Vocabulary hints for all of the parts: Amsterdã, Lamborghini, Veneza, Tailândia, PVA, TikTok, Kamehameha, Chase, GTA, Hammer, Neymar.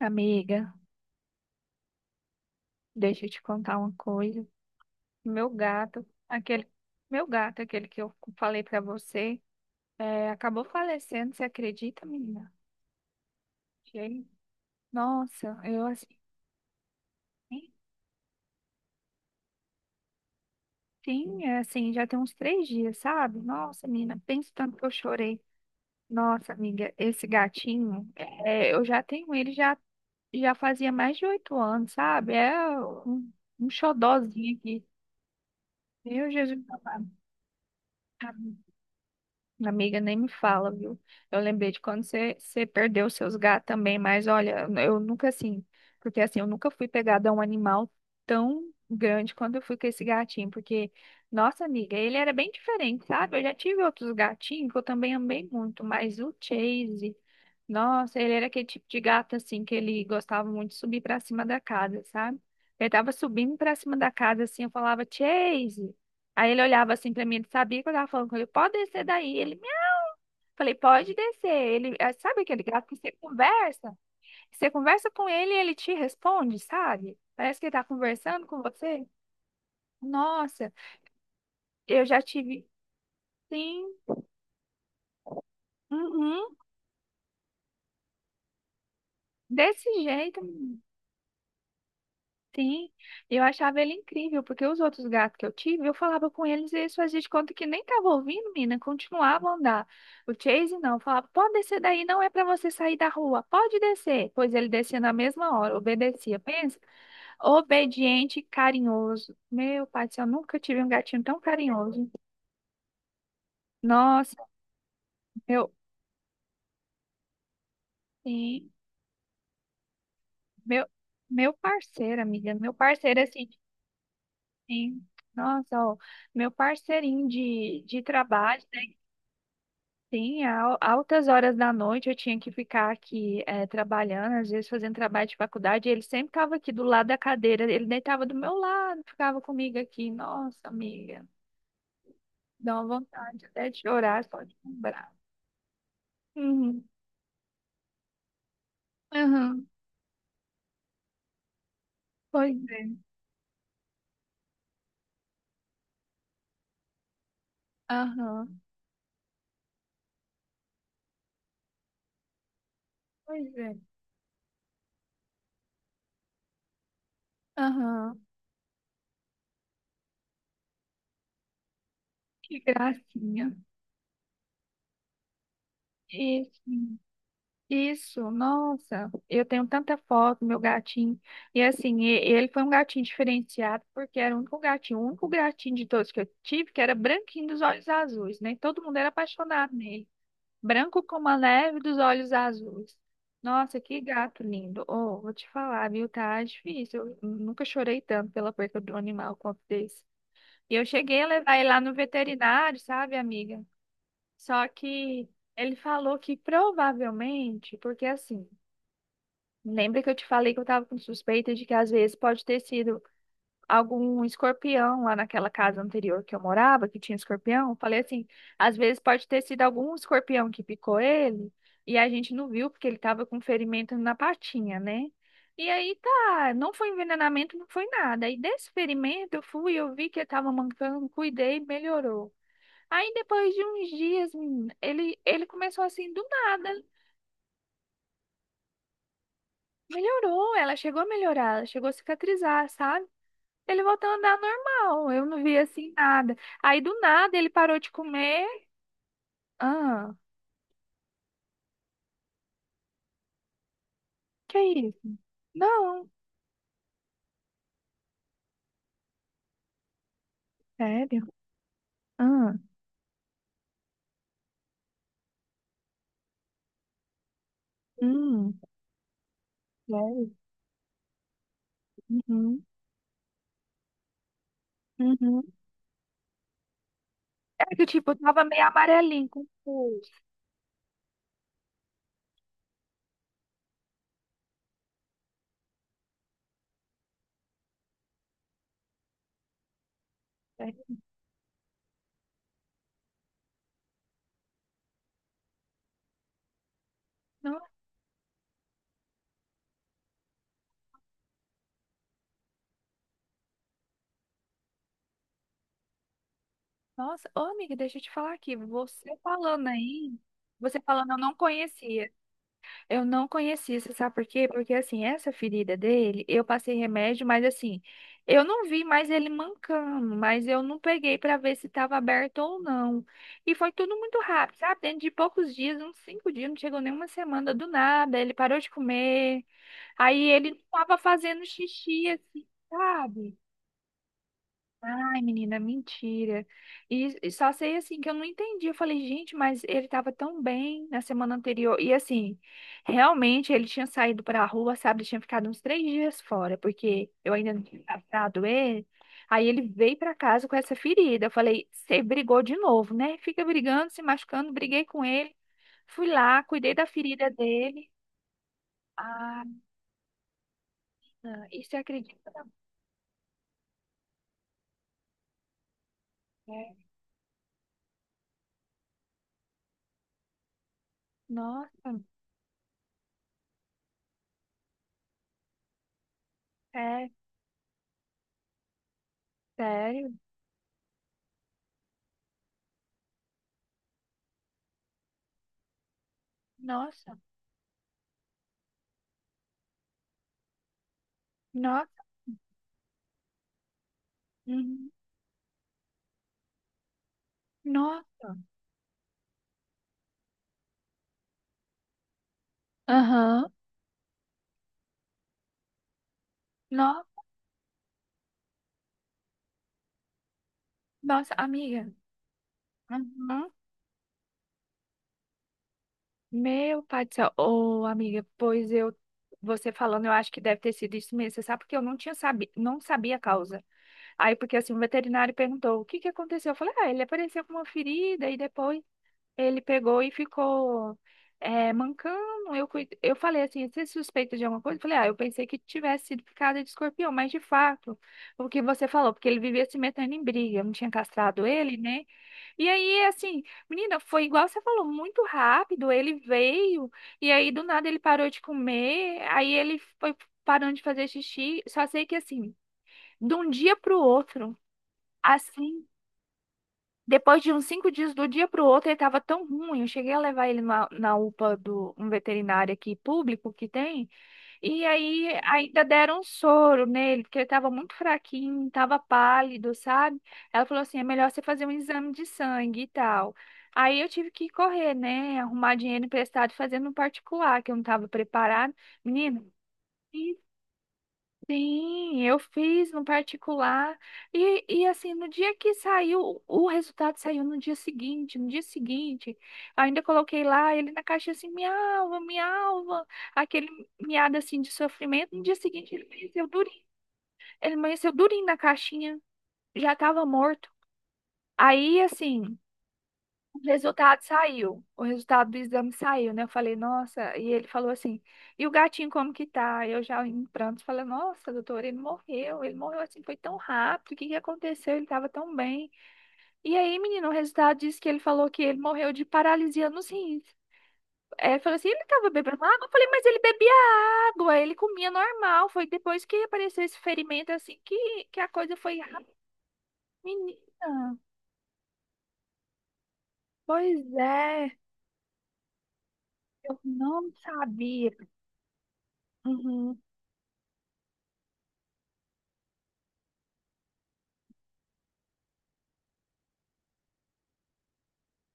Amiga, deixa eu te contar uma coisa. Meu gato, aquele, que eu falei pra você, acabou falecendo, você acredita, menina? Achei- Nossa, eu assim, nem tinha, assim, já tem uns 3 dias, sabe? Nossa, menina, pensa o tanto que eu chorei. Nossa, amiga, esse gatinho, eu já tenho ele já, já fazia mais de 8 anos, sabe? Um xodózinho aqui. Meu Jesus amado. Amiga, nem me fala, viu? Eu lembrei de quando você perdeu seus gatos também, mas olha, eu nunca assim, porque assim, eu nunca fui pegada a um animal tão grande quanto eu fui com esse gatinho, porque, nossa amiga, ele era bem diferente, sabe? Eu já tive outros gatinhos que eu também amei muito, mas o Chase, nossa, ele era aquele tipo de gato assim, que ele gostava muito de subir pra cima da casa, sabe? Ele tava subindo pra cima da casa assim, eu falava, Chase. Aí ele olhava assim pra mim, ele sabia que eu tava falando com ele, pode descer daí. Ele Falei, pode descer. Ele, ah, sabe aquele gato que você conversa? Você conversa com ele e ele te responde, sabe? Parece que ele tá conversando com você. Nossa, eu já tive, sim, uhum, desse jeito, menina, sim. Eu achava ele incrível, porque os outros gatos que eu tive, eu falava com eles e eles faziam de conta que nem tava ouvindo, menina, continuavam a andar. O Chase não, falava, pode descer daí, não é pra você sair da rua, pode descer. Pois ele descia na mesma hora, obedecia. Pensa. Obediente e carinhoso. Meu pai do céu, eu nunca tive um gatinho tão carinhoso. Nossa, meu, sim, meu, meu parceiro, amiga, meu parceiro, assim, sim. Nossa, ó, meu parceirinho de trabalho, né? Sim, altas horas da noite eu tinha que ficar aqui trabalhando, às vezes fazendo trabalho de faculdade. Ele sempre estava aqui do lado da cadeira, ele deitava do meu lado, ficava comigo aqui. Nossa, amiga, dá uma vontade até de chorar só de lembrar. Uhum. Aham. Pois é. Aham. Pois é. Aham. Que gracinha. Isso. Isso. Nossa, eu tenho tanta foto, meu gatinho. E assim, ele foi um gatinho diferenciado, porque era o único gatinho de todos que eu tive, que era branquinho dos olhos azuis, né? Todo mundo era apaixonado nele. Branco como a neve dos olhos azuis. Nossa, que gato lindo. Oh, vou te falar, viu? Tá difícil. Eu nunca chorei tanto pela perda do animal quanto desse. E eu cheguei a levar ele lá no veterinário, sabe, amiga? Só que ele falou que provavelmente, porque assim, lembra que eu te falei que eu tava com suspeita de que às vezes pode ter sido algum escorpião lá naquela casa anterior que eu morava, que tinha escorpião? Eu falei assim, às vezes pode ter sido algum escorpião que picou ele e a gente não viu porque ele tava com ferimento na patinha, né? E aí tá, não foi envenenamento, não foi nada. E desse ferimento eu fui, eu vi que ele tava mancando, cuidei, melhorou. Aí depois de uns dias, menina, ele começou assim do nada. Melhorou, ela chegou a melhorar, ela chegou a cicatrizar, sabe? Ele voltou a andar normal, eu não vi assim nada. Aí do nada ele parou de comer. Ah, que é isso? Não, sério? Ah, hum, sério? Uhum, uhum. É que tipo, eu tava meio amarelinho com pulso. Né? No- Nossa, ô amiga, deixa eu te falar aqui, você falando aí, você falando eu não conhecia. Eu não conhecia, você sabe por quê? Porque assim, essa ferida dele, eu passei remédio, mas assim, eu não vi mais ele mancando, mas eu não peguei pra ver se tava aberto ou não. E foi tudo muito rápido, sabe? Dentro de poucos dias, uns 5 dias, não chegou nem uma semana do nada, ele parou de comer, aí ele não tava fazendo xixi, assim, sabe? Ai, menina, mentira. E só sei assim que eu não entendi. Eu falei, gente, mas ele tava tão bem na semana anterior. E assim, realmente ele tinha saído pra rua, sabe? Ele tinha ficado uns 3 dias fora, porque eu ainda não tinha tratado ele. Aí ele veio pra casa com essa ferida. Eu falei, você brigou de novo, né? Fica brigando, se machucando. Briguei com ele. Fui lá, cuidei da ferida dele. Ah, e você acredita? É. Nossa, é sério? Nossa, nossa. Uhum. Nossa. Aham. No- Nossa, amiga. Uhum. Meu pai do céu. Ô, amiga, pois eu. Você falando, eu acho que deve ter sido isso mesmo. Você sabe porque eu não tinha não sabia a causa. Aí, porque assim, o veterinário perguntou o que que aconteceu. Eu falei, ah, ele apareceu com uma ferida e depois ele pegou e ficou mancando. Eu, eu falei assim, você é suspeita de alguma coisa? Eu falei, ah, eu pensei que tivesse sido picada de escorpião, mas de fato, o que você falou, porque ele vivia se metendo em briga, eu não tinha castrado ele, né? E aí, assim, menina, foi igual você falou, muito rápido. Ele veio, e aí do nada ele parou de comer, aí ele foi parando de fazer xixi. Só sei que, assim, de um dia pro outro, assim, depois de uns 5 dias, do dia pro outro, ele tava tão ruim. Eu cheguei a levar ele na UPA do um veterinário aqui público que tem. E aí ainda deram um soro nele, porque ele estava muito fraquinho, estava pálido, sabe? Ela falou assim, é melhor você fazer um exame de sangue e tal. Aí eu tive que correr, né? Arrumar dinheiro emprestado, fazendo no particular, que eu não estava preparada. Menino, sim, eu fiz no particular. E assim, no dia que saiu, o resultado saiu no dia seguinte. No dia seguinte, ainda coloquei lá ele na caixa assim, miava, miava, aquele miado assim de sofrimento. No dia seguinte, ele amanheceu durinho. Ele amanheceu durinho na caixinha, já estava morto. Aí, assim. O resultado saiu. O resultado do exame saiu, né? Eu falei, nossa. E ele falou assim: e o gatinho como que tá? Eu já em prantos falei: nossa, doutor, ele morreu. Ele morreu assim, foi tão rápido. O que que aconteceu? Ele tava tão bem. E aí, menino, o resultado disse que ele falou que ele morreu de paralisia nos rins. É, ele falou assim: ele tava bebendo água? Eu falei: mas ele bebia água, ele comia normal. Foi depois que apareceu esse ferimento assim que a coisa foi rápida. Menina, pois é, eu não sabia. Uhum.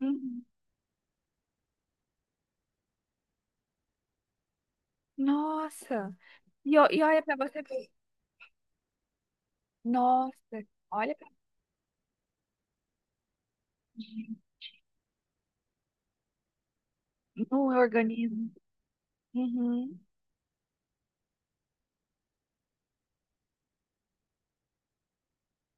Uhum. Nossa! E olha pra você ver. Nossa! Olha pra no organismo. Uhum.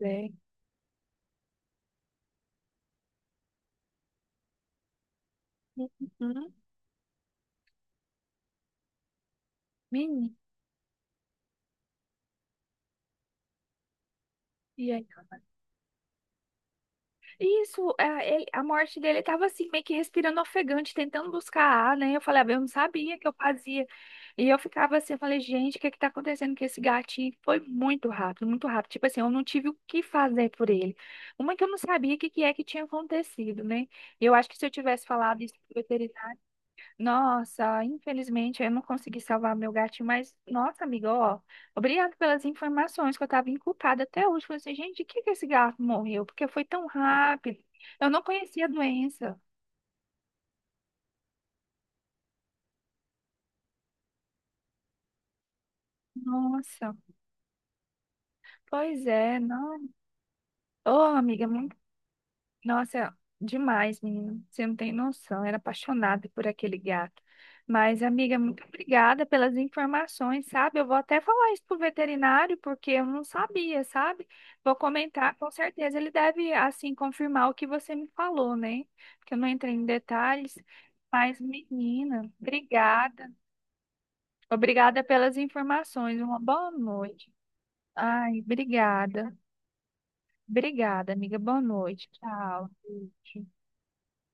É. Uhum. Menino. E aí? Isso, é, a morte dele tava assim, meio que respirando ofegante, tentando buscar ar, né? Eu falei, ah, eu não sabia que eu fazia. E eu ficava assim, eu falei, gente, o que que tá acontecendo com esse gatinho? Foi muito rápido, muito rápido. Tipo assim, eu não tive o que fazer por ele. Uma que eu não sabia o que que é que tinha acontecido, né? Eu acho que se eu tivesse falado isso pro Nossa, infelizmente eu não consegui salvar meu gatinho, mas nossa, amiga, ó, obrigado pelas informações que eu tava inculpada até hoje. Falei assim, gente, de que esse gato morreu? Porque foi tão rápido. Eu não conhecia a doença. Nossa, pois é, não. Ô, amiga, nossa, demais, menina. Você não tem noção. Era apaixonada por aquele gato. Mas, amiga, muito obrigada pelas informações, sabe? Eu vou até falar isso pro veterinário, porque eu não sabia, sabe? Vou comentar, com certeza ele deve, assim, confirmar o que você me falou, né? Porque eu não entrei em detalhes. Mas, menina, obrigada. Obrigada pelas informações. Uma boa noite. Ai, obrigada. Obrigada, amiga. Boa noite. Tchau.